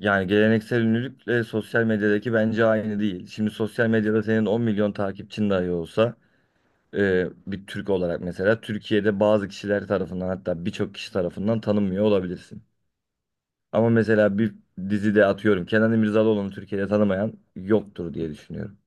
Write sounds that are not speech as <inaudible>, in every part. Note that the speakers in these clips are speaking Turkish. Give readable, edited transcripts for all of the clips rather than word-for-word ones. Yani geleneksel ünlülükle sosyal medyadaki bence aynı değil. Şimdi sosyal medyada senin 10 milyon takipçin dahi olsa bir Türk olarak mesela Türkiye'de bazı kişiler tarafından hatta birçok kişi tarafından tanınmıyor olabilirsin. Ama mesela bir dizide atıyorum Kenan İmirzalıoğlu'nu Türkiye'de tanımayan yoktur diye düşünüyorum.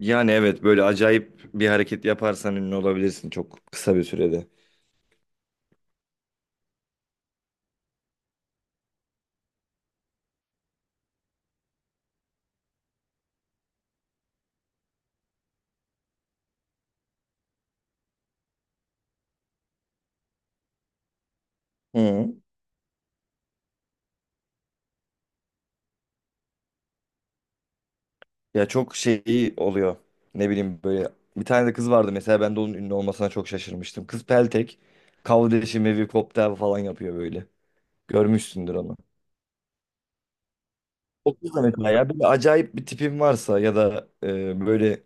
Yani evet, böyle acayip bir hareket yaparsan ünlü olabilirsin çok kısa bir sürede. Hı. Ya çok şey oluyor. Ne bileyim, böyle bir tane de kız vardı mesela, ben de onun ünlü olmasına çok şaşırmıştım. Kız peltek, kavdeşi, mevi, koptel falan yapıyor böyle. Görmüşsündür onu. O kız da mesela, ya böyle acayip bir tipim varsa ya da böyle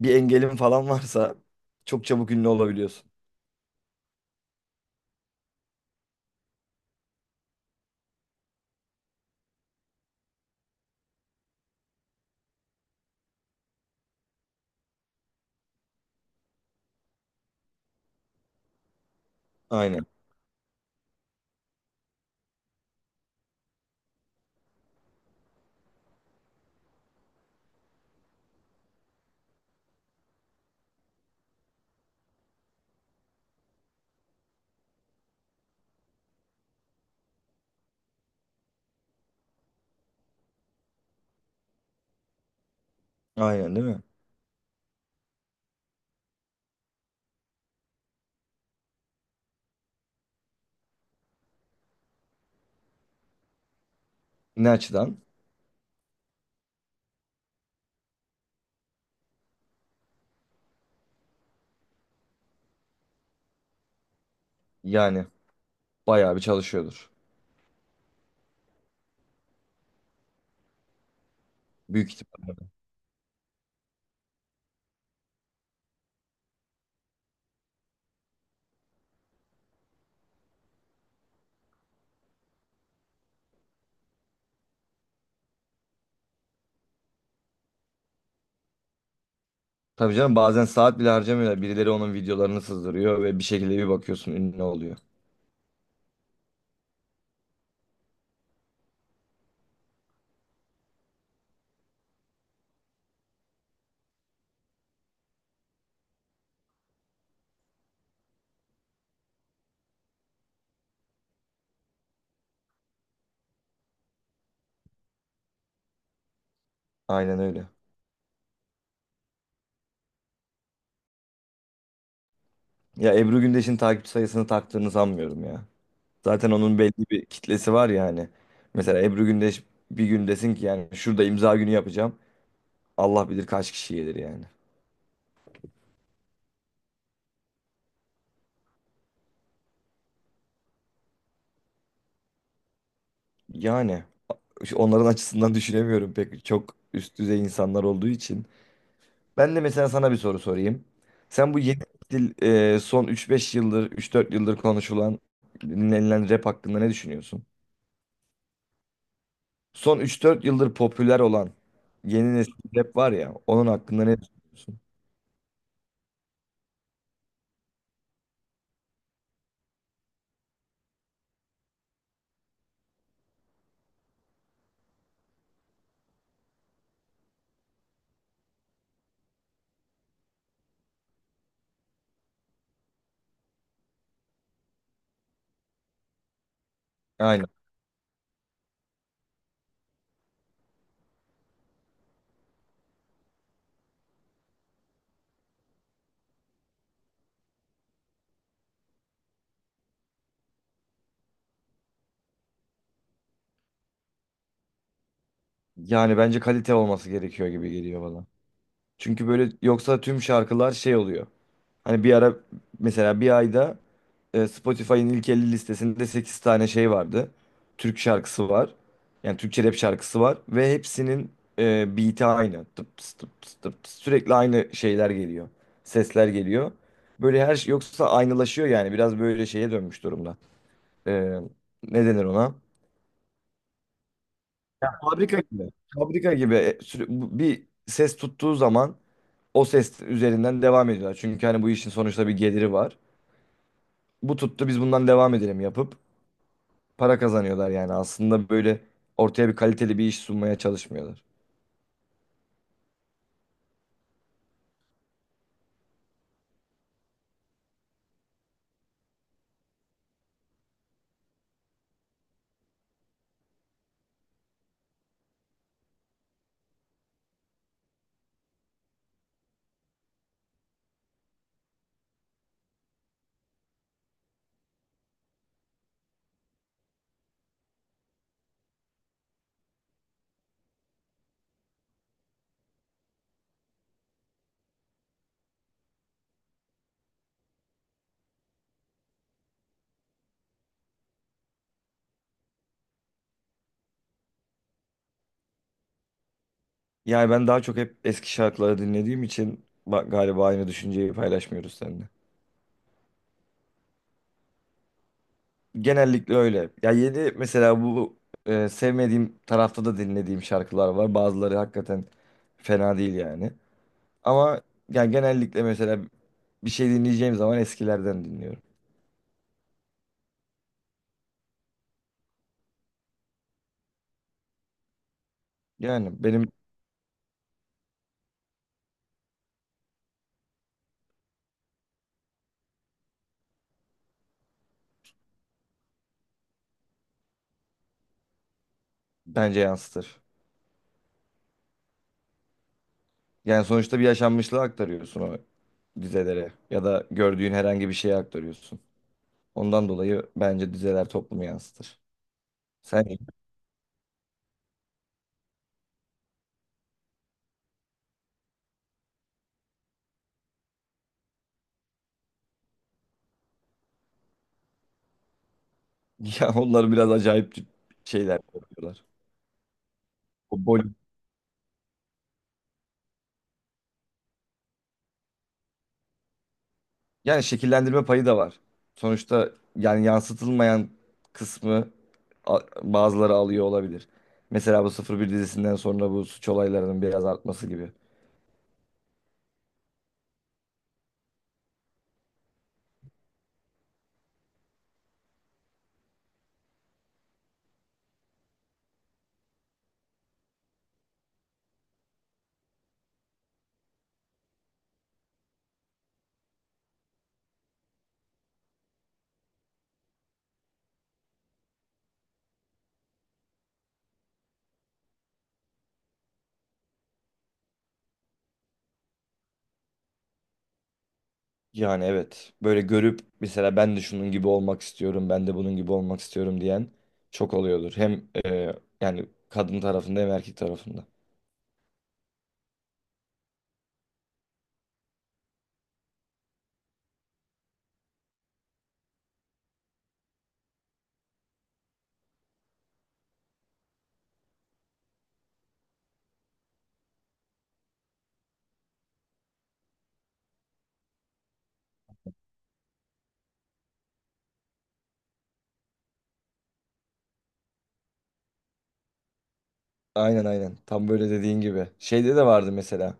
bir engelim falan varsa çok çabuk ünlü olabiliyorsun. Aynen. Aynen değil mi? Ne açıdan? Yani bayağı bir çalışıyordur. Büyük ihtimal. Tabii canım, bazen saat bile harcamıyorlar. Birileri onun videolarını sızdırıyor ve bir şekilde bir bakıyorsun ünlü oluyor. Aynen öyle. Ya Ebru Gündeş'in takipçi sayısını taktığını sanmıyorum ya. Zaten onun belli bir kitlesi var ya hani. Mesela Ebru Gündeş bir gün desin ki yani, şurada imza günü yapacağım. Allah bilir kaç kişi gelir yani. Yani onların açısından <laughs> düşünemiyorum, pek çok üst düzey insanlar olduğu için. Ben de mesela sana bir soru sorayım. Sen bu yeni dil, son üç beş yıldır, üç dört yıldır konuşulan, dinlenilen rap hakkında ne düşünüyorsun? Son üç dört yıldır popüler olan yeni nesil rap var ya, onun hakkında ne düşünüyorsun? Aynen. Yani bence kalite olması gerekiyor gibi geliyor bana. Çünkü böyle yoksa tüm şarkılar şey oluyor. Hani bir ara mesela bir ayda Spotify'ın ilk 50 listesinde 8 tane şey vardı. Türk şarkısı var. Yani Türkçe rap şarkısı var. Ve hepsinin beat'i aynı. Tıp tıs, tıp tıs, tıp tıs. Sürekli aynı şeyler geliyor. Sesler geliyor. Böyle her şey yoksa aynılaşıyor yani. Biraz böyle şeye dönmüş durumda. E, ne denir ona? Fabrika gibi. Fabrika gibi. Bir ses tuttuğu zaman o ses üzerinden devam ediyorlar. Çünkü hani bu işin sonuçta bir geliri var. Bu tuttu, biz bundan devam edelim yapıp para kazanıyorlar yani. Aslında böyle ortaya bir kaliteli bir iş sunmaya çalışmıyorlar. Yani ben daha çok hep eski şarkıları dinlediğim için galiba aynı düşünceyi paylaşmıyoruz seninle. Genellikle öyle. Ya yeni mesela bu sevmediğim tarafta da dinlediğim şarkılar var. Bazıları hakikaten fena değil yani. Ama yani genellikle mesela bir şey dinleyeceğim zaman eskilerden dinliyorum. Yani benim, bence yansıtır. Yani sonuçta bir yaşanmışlığı aktarıyorsun o dizelere, ya da gördüğün herhangi bir şeye aktarıyorsun. Ondan dolayı bence dizeler toplumu yansıtır. Sen <laughs> ya onlar biraz acayip şeyler yapıyorlar. O bol, yani şekillendirme payı da var. Sonuçta yani yansıtılmayan kısmı a- bazıları alıyor olabilir. Mesela bu Sıfır Bir dizisinden sonra bu suç olaylarının biraz artması gibi. Yani evet. Böyle görüp mesela ben de şunun gibi olmak istiyorum, ben de bunun gibi olmak istiyorum diyen çok oluyordur. Hem yani kadın tarafında hem erkek tarafında. Aynen aynen. Tam böyle dediğin gibi. Şeyde de vardı mesela.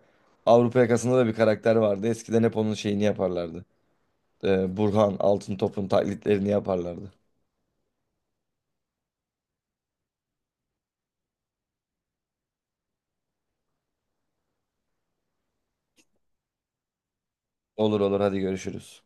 Avrupa Yakası'nda da bir karakter vardı. Eskiden hep onun şeyini yaparlardı. Burhan Altıntop'un taklitlerini yaparlardı. Olur olur, hadi görüşürüz.